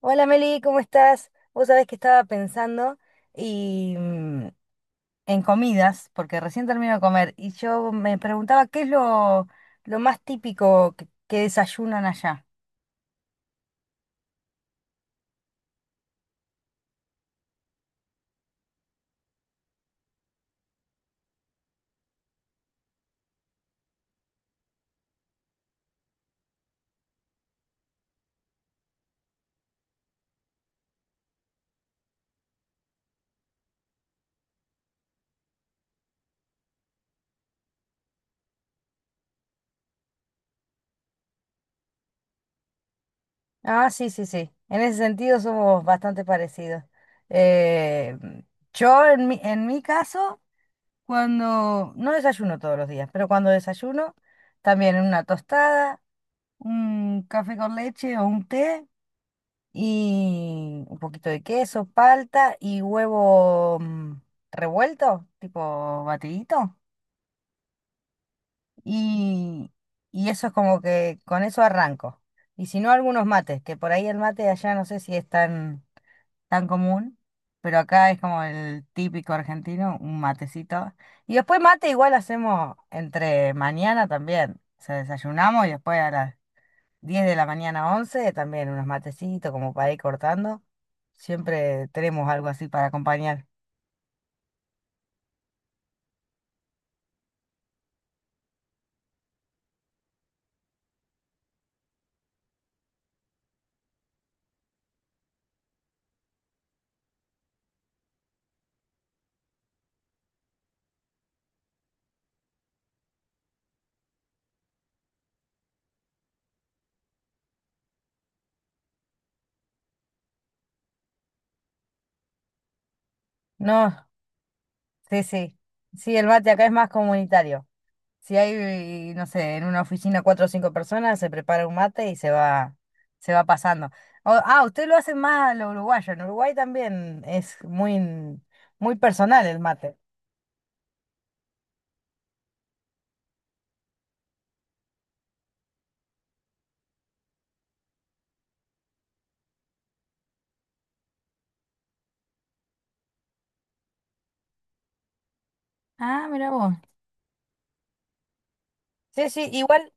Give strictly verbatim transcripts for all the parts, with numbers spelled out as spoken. Hola Meli, ¿cómo estás? Vos sabés que estaba pensando y mm, en comidas, porque recién termino de comer, y yo me preguntaba qué es lo, lo más típico que, que desayunan allá. Ah, sí, sí, sí. En ese sentido somos bastante parecidos. Eh, yo en mi, en mi caso, cuando no desayuno todos los días, pero cuando desayuno, también una tostada, un café con leche o un té. Y un poquito de queso, palta y huevo mm, revuelto, tipo batidito. Y, y eso es como que con eso arranco. Y si no, algunos mates, que por ahí el mate de allá no sé si es tan, tan común, pero acá es como el típico argentino, un matecito. Y después mate igual hacemos entre mañana también. O sea, desayunamos y después a las diez de la mañana, once también unos matecitos como para ir cortando. Siempre tenemos algo así para acompañar. No, sí, sí. Sí, el mate acá es más comunitario. Si hay, no sé, en una oficina cuatro o cinco personas, se prepara un mate y se va, se va pasando. O- ah, ustedes lo hacen más lo uruguayo. En Uruguay también es muy, muy personal el mate. Ah, mira vos. Sí, sí, igual,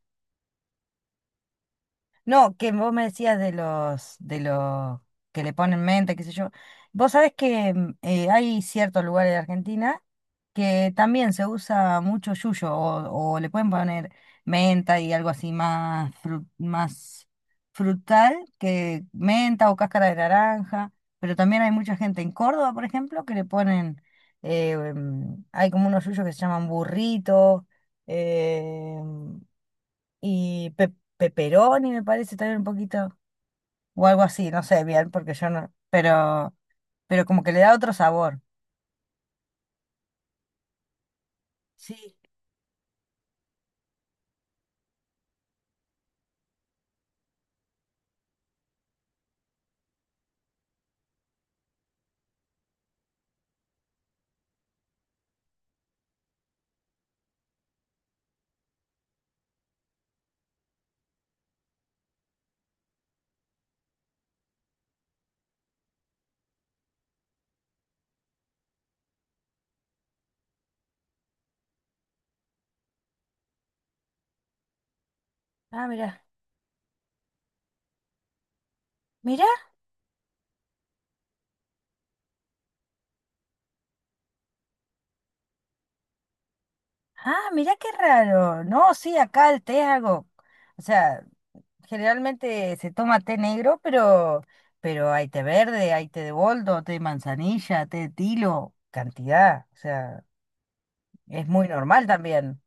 no, que vos me decías de los, de los que le ponen mente, qué sé yo. Vos sabés que mm, eh, hay ciertos lugares de Argentina que también se usa mucho yuyo o, o le pueden poner menta y algo así más, fru- más frutal que menta o cáscara de naranja, pero también hay mucha gente en Córdoba, por ejemplo, que le ponen, eh, em, hay como unos yuyos que se llaman burrito, em, y pe- pepperoni me parece también un poquito, o algo así, no sé bien, porque yo no, pero, pero, como que le da otro sabor. Sí. Ah, mira. Mirá. Ah, mira qué raro. No, sí, acá el té es algo, o sea, generalmente se toma té negro, pero, pero hay té verde, hay té de boldo, té de manzanilla, té de tilo, cantidad. O sea, es muy normal también.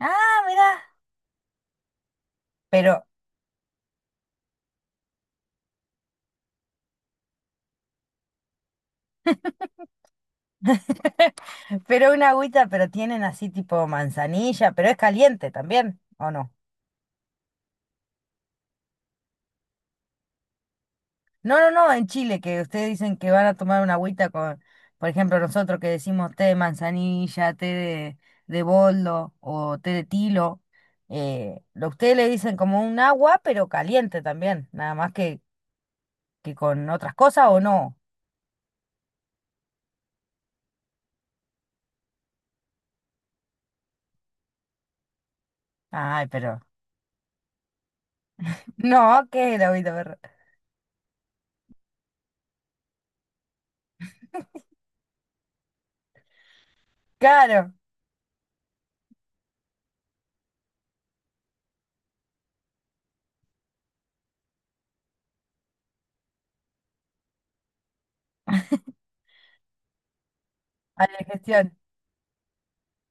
Ah, mira. Pero, pero una agüita, pero tienen así tipo manzanilla, pero es caliente también, ¿o no? No, no, no, en Chile, que ustedes dicen que van a tomar una agüita con, por ejemplo, nosotros que decimos té de manzanilla, té de, de boldo o té de tilo, eh, lo ustedes le dicen como un agua, pero caliente también, nada más que, que con otras cosas o no. Ay, pero no, ¿qué es el agüita, perro? Claro, a la digestión.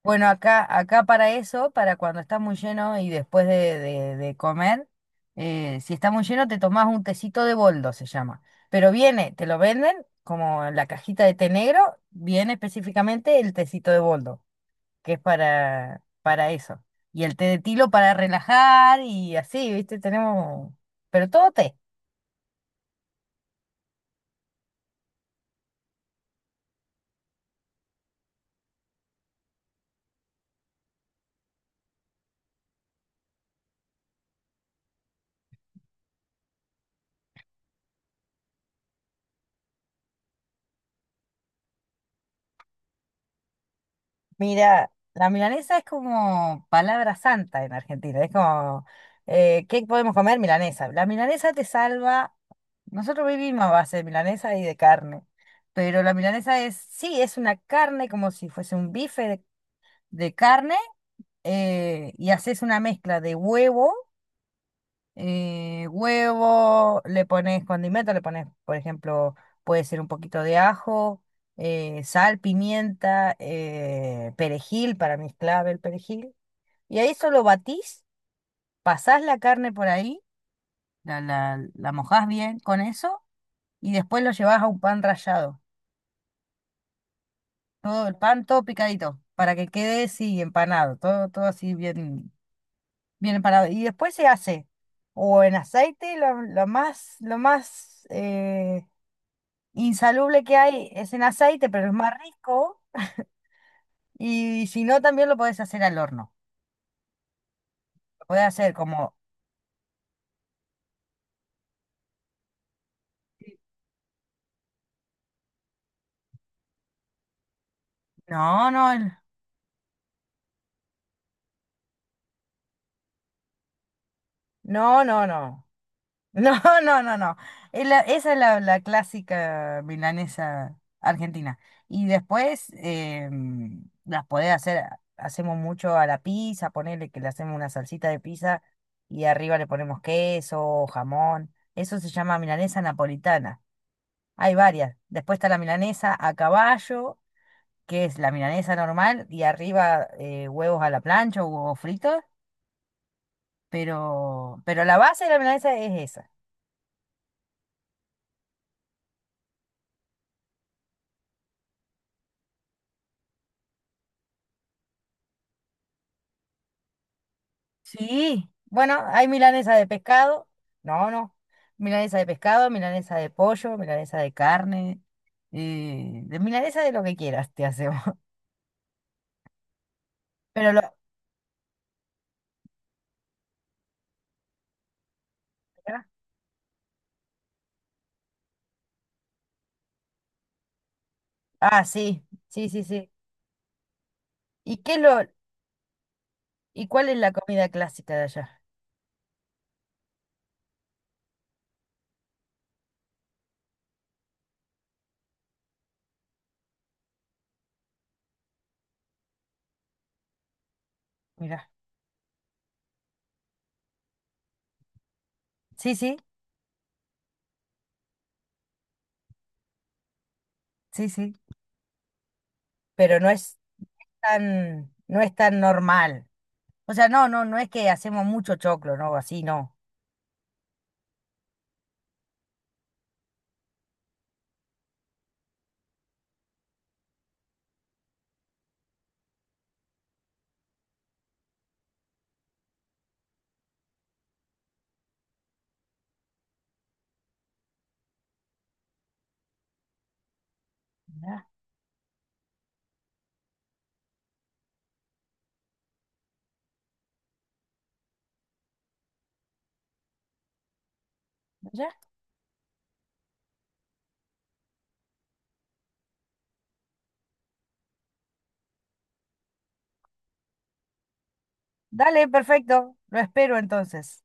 Bueno, acá, acá para eso, para cuando está muy lleno y después de, de- de comer, eh, si está muy lleno te tomás un tecito de boldo, se llama. Pero viene, te lo venden como en la cajita de té negro, viene específicamente el tecito de boldo, que es para, para eso. Y el té de tilo para relajar y así, ¿viste? Tenemos, pero todo té. Mira, la milanesa es como palabra santa en Argentina. Es como, eh, ¿qué podemos comer? Milanesa. La milanesa te salva. Nosotros vivimos a base de milanesa y de carne. Pero la milanesa es, sí, es una carne como si fuese un bife de, de carne, eh, y haces una mezcla de huevo eh, huevo, le pones condimento, le pones, por ejemplo, puede ser un poquito de ajo, eh, sal, pimienta, eh, perejil, para mí es clave el perejil. Y ahí solo batís, pasás la carne por ahí, la, la, la mojás bien con eso y después lo llevas a un pan rallado. Todo el pan, todo picadito, para que quede así empanado, todo, todo así bien, bien empanado. Y después se hace o en aceite, lo, lo más, lo más eh, insalubre que hay es en aceite, pero es más rico. Y si no, también lo podés hacer al horno. Lo podés hacer como, no, no, el- no, no, no. No, no, no, no. Es la- esa es la, la clásica milanesa argentina. Y después em, las podés hacer, hacemos mucho a la pizza, ponerle que le hacemos una salsita de pizza y arriba le ponemos queso, jamón. Eso se llama milanesa napolitana. Hay varias. Después está la milanesa a caballo, que es la milanesa normal y arriba eh, huevos a la plancha o huevos fritos, pero, pero, la base de la milanesa es esa. Sí, bueno, hay milanesa de pescado, no, no, milanesa de pescado, milanesa de pollo, milanesa de carne, eh, de milanesa de lo que quieras te hacemos. Pero lo... Ah, sí, sí, sí, sí. ¿Y qué es lo... ¿Y cuál es la comida clásica de allá? Mira, sí, sí, sí, sí, pero no es tan, no es tan normal. O sea, no, no, no es que hacemos mucho choclo, no, así no. Ya, ya. Dale, perfecto. Lo espero entonces.